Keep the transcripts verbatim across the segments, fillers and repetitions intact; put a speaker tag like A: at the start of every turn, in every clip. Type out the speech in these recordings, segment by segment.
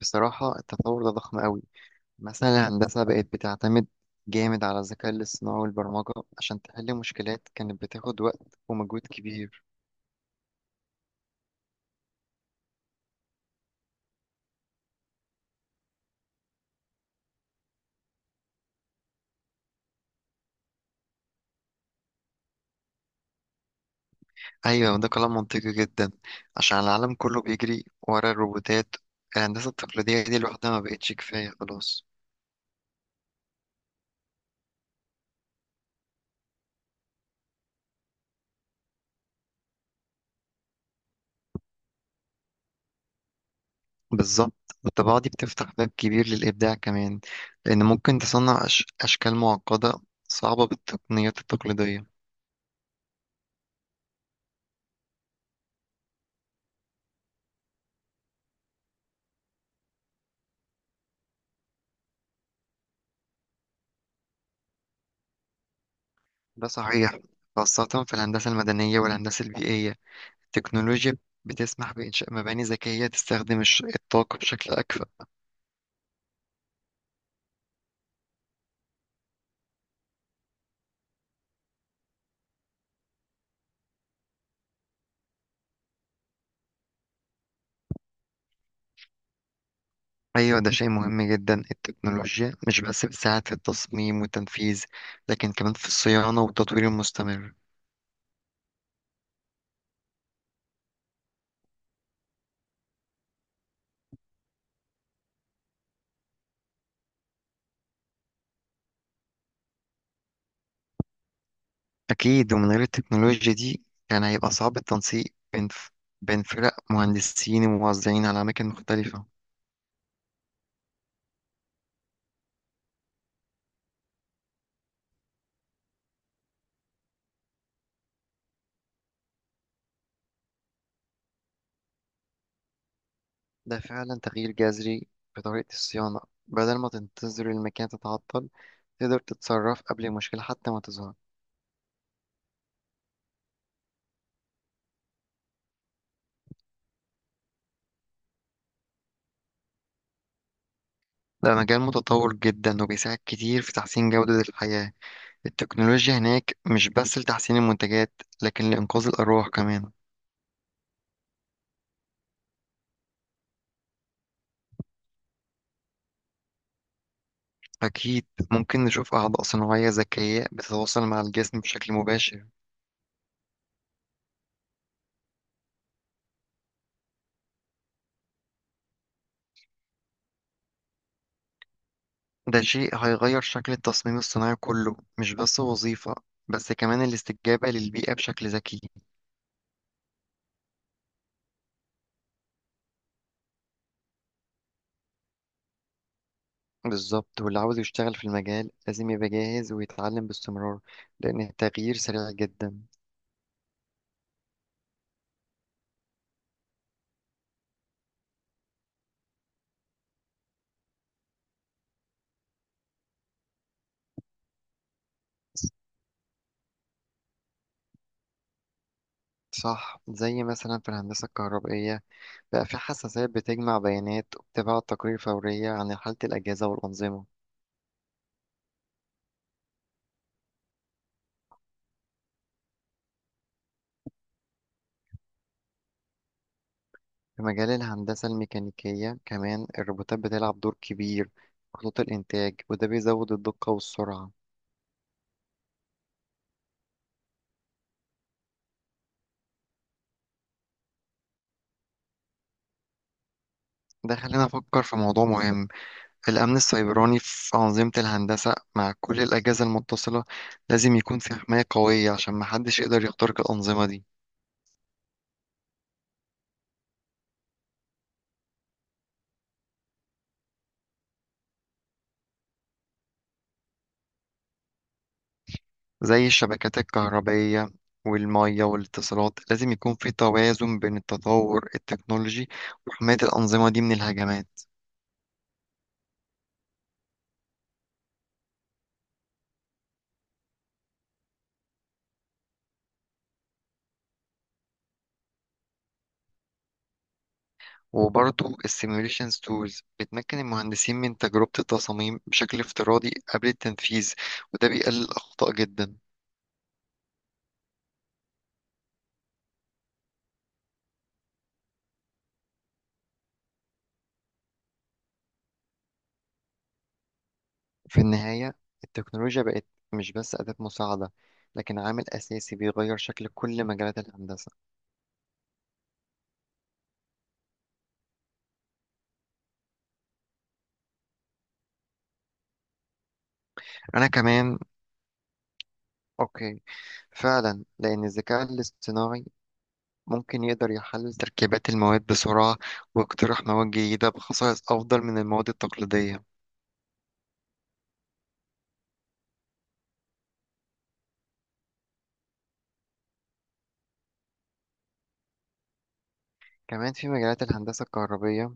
A: بصراحة التطور ده ضخم قوي. مثلا الهندسة بقت بتعتمد جامد على الذكاء الاصطناعي والبرمجة عشان تحل مشكلات كانت بتاخد وقت ومجهود كبير. أيوة، وده كلام منطقي جدا عشان العالم كله بيجري ورا الروبوتات. الهندسة التقليدية دي لوحدها ما بقتش كفاية خلاص. بالظبط، والطباعة دي بتفتح باب كبير للإبداع كمان، لأن ممكن تصنع أش... أشكال معقدة صعبة بالتقنيات التقليدية. ده صحيح، خاصة في الهندسة المدنية والهندسة البيئية. التكنولوجيا بتسمح بإنشاء مباني ذكية تستخدم الش- الطاقة بشكل أكفأ. أيوة، ده شيء مهم جدا. التكنولوجيا مش بس بتساعد في التصميم والتنفيذ، لكن كمان في الصيانة والتطوير المستمر. أكيد، ومن غير التكنولوجيا دي كان هيبقى صعب التنسيق بين ف- بين فرق مهندسين وموزعين على أماكن مختلفة. ده فعلا تغيير جذري في طريقة الصيانة. بدل ما تنتظر المكان تتعطل، تقدر تتصرف قبل المشكلة حتى ما تظهر. ده مجال متطور جدا وبيساعد كتير في تحسين جودة الحياة. التكنولوجيا هناك مش بس لتحسين المنتجات، لكن لإنقاذ الأرواح كمان. أكيد، ممكن نشوف أعضاء صناعية ذكية بتتواصل مع الجسم بشكل مباشر. ده شيء هيغير شكل التصميم الصناعي كله، مش بس وظيفة بس كمان الاستجابة للبيئة بشكل ذكي. بالظبط، واللي عاوز يشتغل في المجال لازم يبقى جاهز ويتعلم باستمرار، لأن التغيير سريع جدا. صح، زي مثلا في الهندسة الكهربائية بقى في حساسات بتجمع بيانات وبتبعت تقارير فورية عن حالة الأجهزة والأنظمة. في مجال الهندسة الميكانيكية كمان الروبوتات بتلعب دور كبير في خطوط الإنتاج، وده بيزود الدقة والسرعة. ده خلينا نفكر في موضوع مهم: الأمن السيبراني في أنظمة الهندسة. مع كل الأجهزة المتصلة لازم يكون في حماية قوية عشان محدش يقدر يخترق الأنظمة دي. زي الشبكات الكهربائية والمية والاتصالات، لازم يكون في توازن بين التطور التكنولوجي وحماية الأنظمة دي من الهجمات. وبرضه السيميوليشن تولز بتمكن المهندسين من تجربة التصاميم بشكل افتراضي قبل التنفيذ، وده بيقلل الأخطاء جدا. في النهاية، التكنولوجيا بقت مش بس أداة مساعدة، لكن عامل أساسي بيغير شكل كل مجالات الهندسة. أنا كمان أوكي، فعلا، لأن الذكاء الاصطناعي ممكن يقدر يحلل تركيبات المواد بسرعة ويقترح مواد جديدة بخصائص أفضل من المواد التقليدية. كمان في مجالات الهندسة الكهربية،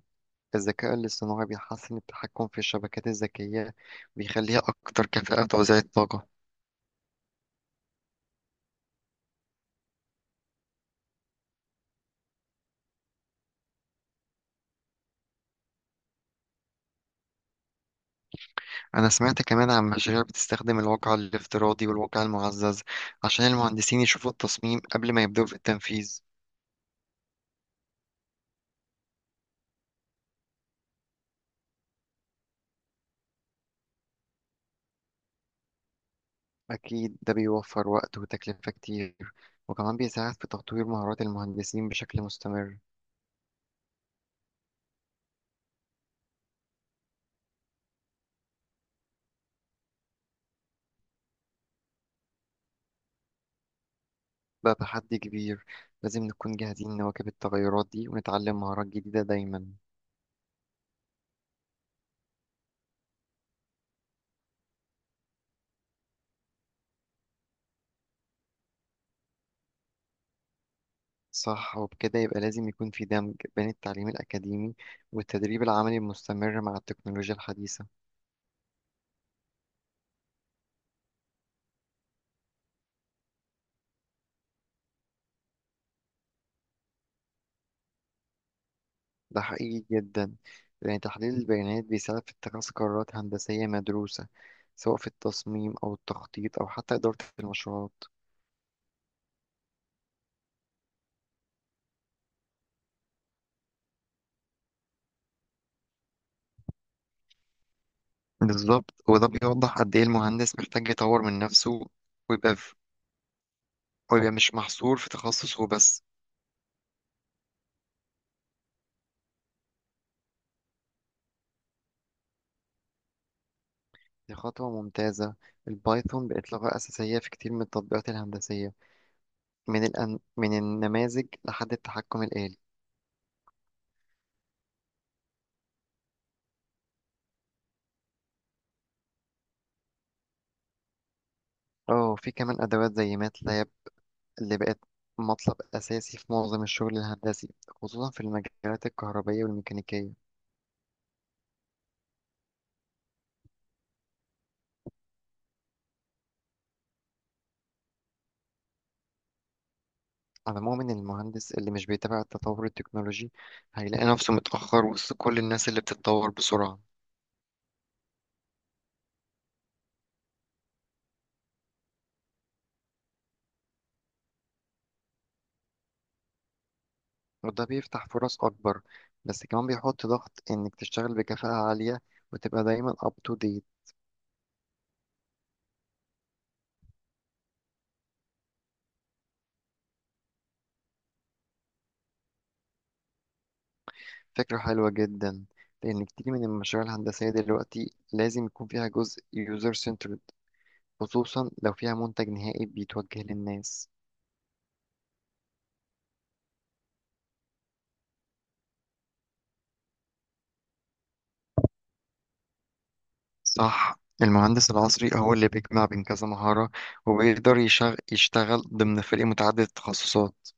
A: الذكاء الاصطناعي بيحسن التحكم في الشبكات الذكية، بيخليها أكتر كفاءة في توزيع الطاقة. أنا سمعت كمان عن مشاريع بتستخدم الواقع الافتراضي والواقع المعزز عشان المهندسين يشوفوا التصميم قبل ما يبدأوا في التنفيذ. أكيد، ده بيوفر وقت وتكلفة كتير، وكمان بيساعد في تطوير مهارات المهندسين بشكل مستمر. بقى تحدي كبير، لازم نكون جاهزين نواكب التغيرات دي ونتعلم مهارات جديدة دايما. صح، وبكده يبقى لازم يكون في دمج بين التعليم الأكاديمي والتدريب العملي المستمر مع التكنولوجيا الحديثة. ده حقيقي جدا، لأن تحليل البيانات بيساعد في اتخاذ قرارات هندسية مدروسة، سواء في التصميم أو التخطيط أو حتى إدارة المشروعات. بالظبط، وده بيوضح قد إيه المهندس محتاج يطور من نفسه ويبقى في... ويبقى مش محصور في تخصصه بس. دي خطوة ممتازة. البايثون بقت لغة أساسية في كتير من التطبيقات الهندسية، من الأن... من النماذج لحد التحكم الآلي. اه، في كمان أدوات زي ماتلاب اللي بقت مطلب أساسي في معظم الشغل الهندسي، خصوصا في المجالات الكهربائية والميكانيكية. على العموم، إن المهندس اللي مش بيتابع التطور التكنولوجي هيلاقي نفسه متأخر وسط كل الناس اللي بتتطور بسرعة. وده بيفتح فرص أكبر، بس كمان بيحط ضغط إنك تشتغل بكفاءة عالية وتبقى دايما up to date. فكرة حلوة جدا، لأن كتير من المشاريع الهندسية دلوقتي لازم يكون فيها جزء user centered، خصوصا لو فيها منتج نهائي بيتوجه للناس. صح، المهندس العصري هو اللي بيجمع بين كذا مهارة، وبيقدر يشغ... يشتغل ضمن فريق متعدد التخصصات.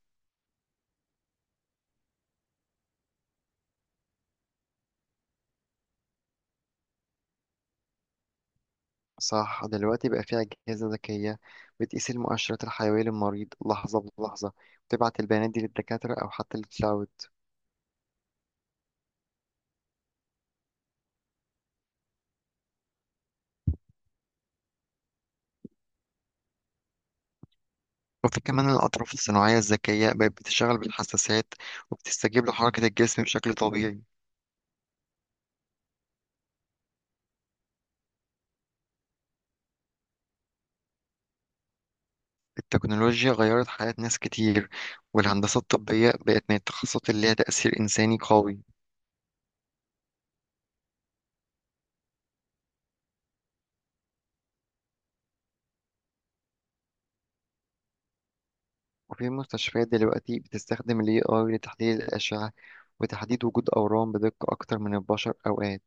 A: صح، دلوقتي بقى فيها أجهزة ذكية بتقيس المؤشرات الحيوية للمريض لحظة بلحظة، وتبعت البيانات دي للدكاترة أو حتى للكلاود. وفي كمان الأطراف الصناعية الذكية بقت بتشتغل بالحساسات وبتستجيب لحركة الجسم بشكل طبيعي. التكنولوجيا غيرت حياة ناس كتير، والهندسة الطبية بقت من التخصصات اللي ليها تأثير إنساني قوي. وفي مستشفيات دلوقتي بتستخدم ال إيه آي لتحليل الأشعة وتحديد وجود أورام بدقة أكتر من البشر أوقات.